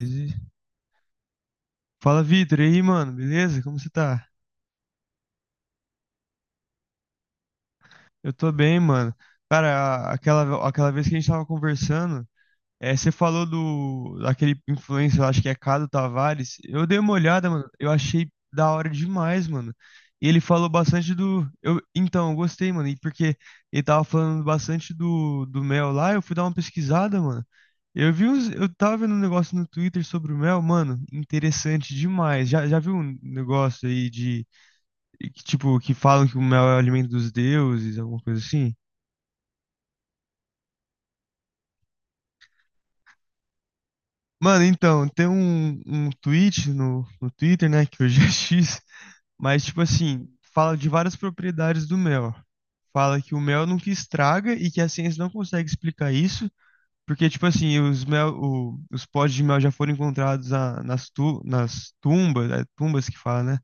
Ele- Fala, Vitor, e aí, mano, beleza? Como você tá? Eu tô bem, mano. Cara, aquela vez que a gente tava conversando, você falou do daquele influencer, eu acho que é Cado Tavares. Eu dei uma olhada, mano, eu achei da hora demais, mano. E ele falou bastante do. Então, eu gostei, mano, e porque ele tava falando bastante do mel lá, eu fui dar uma pesquisada, mano. Eu tava vendo um negócio no Twitter sobre o mel, mano, interessante demais. Já viu um negócio aí de. E que, tipo, que falam que o mel é o alimento dos deuses, alguma coisa assim. Mano, então, tem um tweet no Twitter, né, que hoje é X, mas, tipo assim, fala de várias propriedades do mel. Fala que o mel nunca estraga e que a ciência não consegue explicar isso, porque, tipo assim, os potes de mel já foram encontrados nas tumbas, tumbas que fala, né,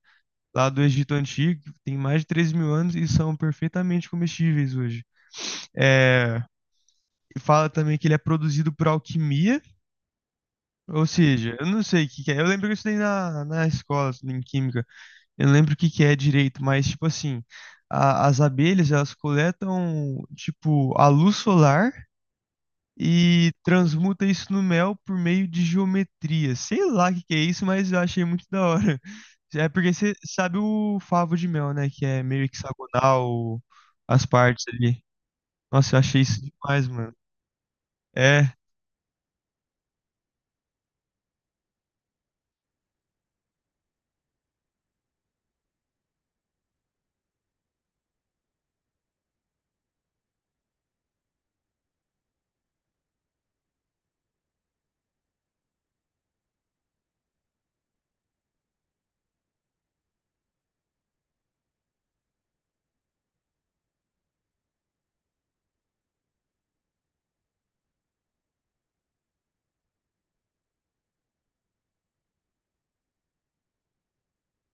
lá do Egito Antigo, que tem mais de 3.000 anos e são perfeitamente comestíveis hoje. É, fala também que ele é produzido por alquimia, ou seja, eu não sei o que que é. Eu lembro que eu estudei na escola, em química, eu não lembro o que que é direito, mas tipo assim, as abelhas elas coletam tipo a luz solar e transmuta isso no mel por meio de geometria. Sei lá o que que é isso, mas eu achei muito da hora. É porque você sabe o favo de mel, né, que é meio hexagonal as partes ali. Nossa, eu achei isso demais, mano. É.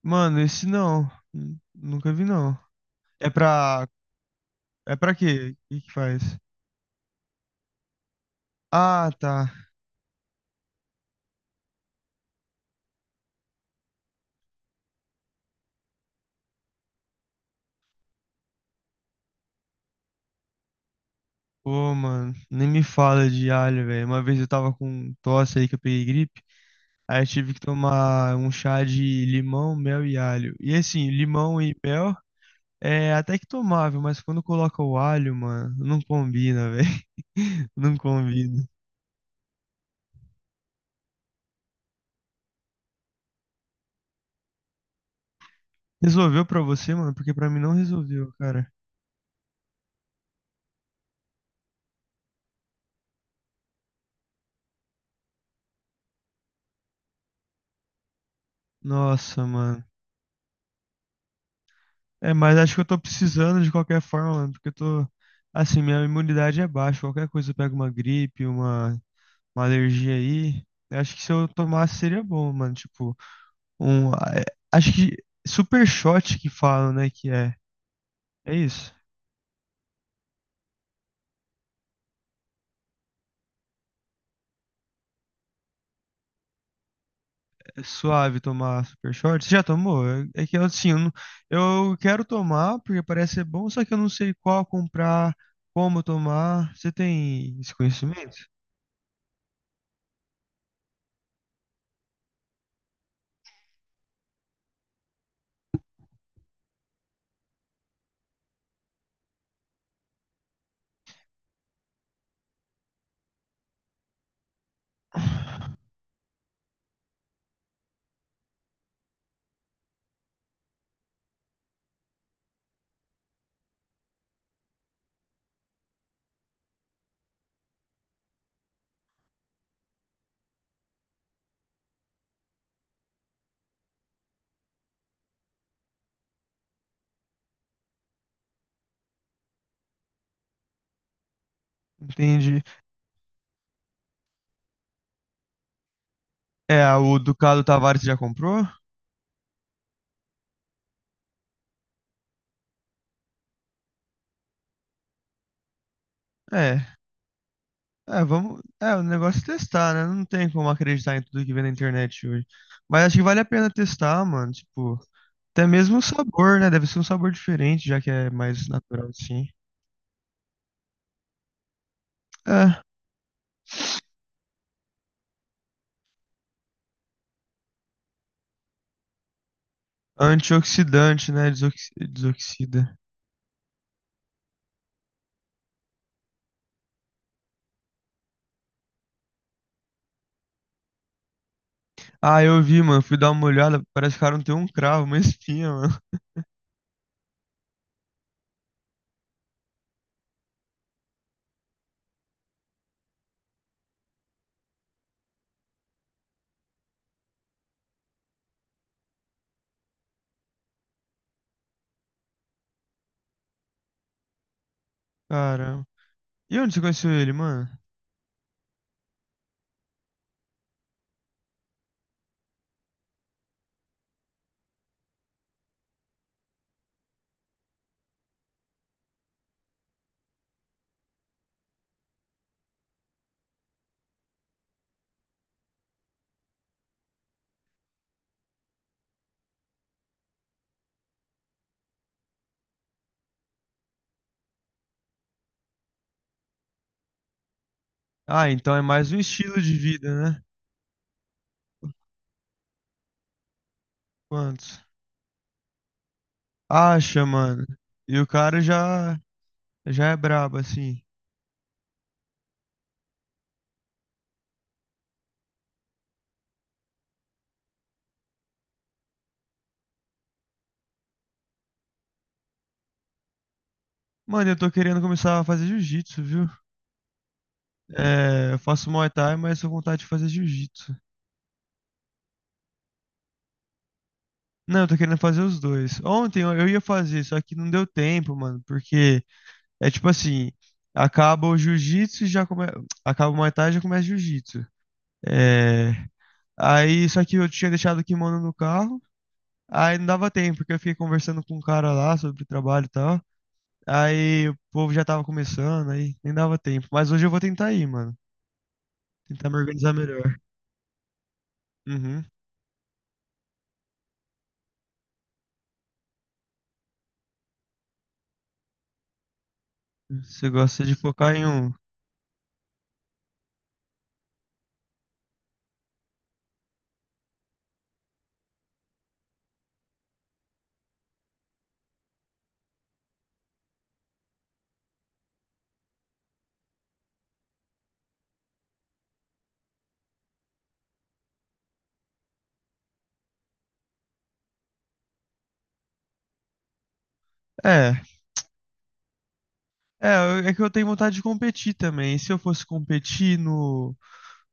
Mano, esse não. Nunca vi, não. É pra. É pra quê? O que que faz? Ah, tá. Pô, mano, nem me fala de alho, velho. Uma vez eu tava com um tosse aí que eu peguei gripe. Aí eu tive que tomar um chá de limão, mel e alho. E assim, limão e mel é até que tomável, mas quando coloca o alho, mano, não combina, velho. Não combina. Resolveu pra você, mano? Porque pra mim não resolveu, cara. Nossa, mano. É, mas acho que eu tô precisando de qualquer forma, mano, porque eu tô. Assim, minha imunidade é baixa. Qualquer coisa eu pego uma gripe, uma alergia aí. Eu acho que se eu tomasse seria bom, mano. Tipo, um. a- é- Acho que super shot que falam, né? Que é. É isso. É suave tomar super shot. Você já tomou? É que assim, eu, não- eu quero tomar, porque parece ser bom, só que eu não sei qual comprar, como tomar. Você tem esse conhecimento? Entendi. É, o Ducado Tavares já comprou? É. É, vamos. É, o negócio é testar, né? Não tem como acreditar em tudo que vem na internet hoje. Mas acho que vale a pena testar, mano. Tipo, até mesmo o sabor, né? Deve ser um sabor diferente, já que é mais natural assim. É. Antioxidante, né? Desoxida. Ah, eu vi, mano. Fui dar uma olhada. Parece que o cara não tem um cravo, uma espinha, mano. Caramba. E onde você conheceu ele, mano? Ah, então é mais um estilo de vida, né? Quantos? Acha, mano. E o cara já é brabo, assim. Mano, eu tô querendo começar a fazer jiu-jitsu, viu? É, eu faço Muay Thai, mas tô com vontade de fazer jiu-jitsu. Não, eu tô querendo fazer os dois. Ontem eu ia fazer, só que não deu tempo, mano, porque é tipo assim, acaba o jiu-jitsu e já começa, acaba o Muay Thai e já começa jiu-jitsu. É, aí só que eu tinha deixado o kimono no carro, aí não dava tempo, porque eu fiquei conversando com um cara lá sobre trabalho e tal. Aí o povo já tava começando, aí nem dava tempo. Mas hoje eu vou tentar ir, mano. Tentar me organizar melhor. Uhum. Você gosta de focar em um. É. É, é que eu tenho vontade de competir também. E se eu fosse competir no,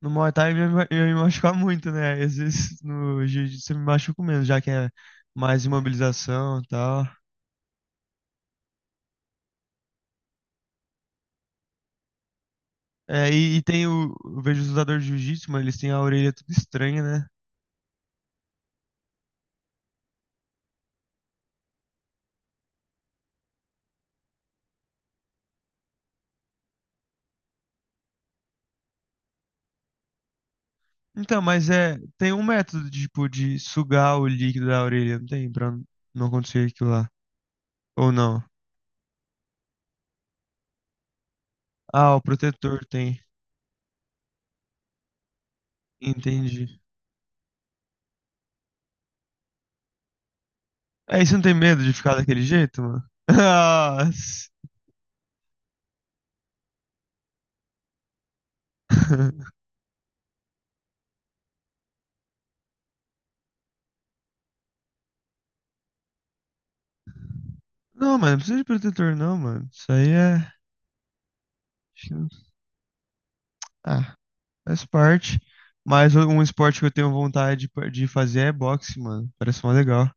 no Muay Thai, eu ia me machucar muito, né? Às vezes no Jiu-Jitsu eu me machuco menos, já que é mais imobilização e tal. É, e tem o. Eu vejo os lutadores de Jiu-Jitsu, mano, eles têm a orelha tudo estranha, né? Então, mas é, tem um método tipo, de sugar o líquido da orelha, não tem? Pra não acontecer aquilo lá. Ou não? Ah, o protetor tem. Entendi. É, e você não tem medo de ficar daquele jeito, mano? Nossa. Não, mano, não precisa de protetor, não, mano. Isso aí é. Acho que não- Ah, faz parte. Mas um esporte que eu tenho vontade de de fazer é boxe, mano. Parece mó legal.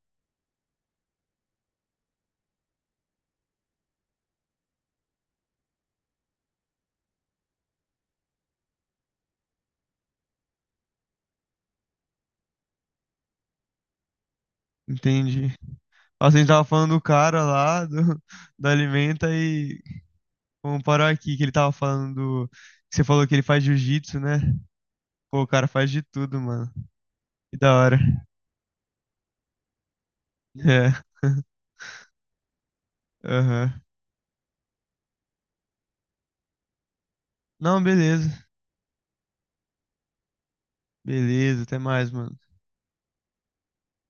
Entendi. Nossa, a gente tava falando do cara lá, do, da Alimenta, e vamos parar aqui que ele tava falando. Que você falou que ele faz jiu-jitsu, né? Pô, o cara faz de tudo, mano. Que da hora. É. Aham. Não, beleza. Beleza, até mais, mano.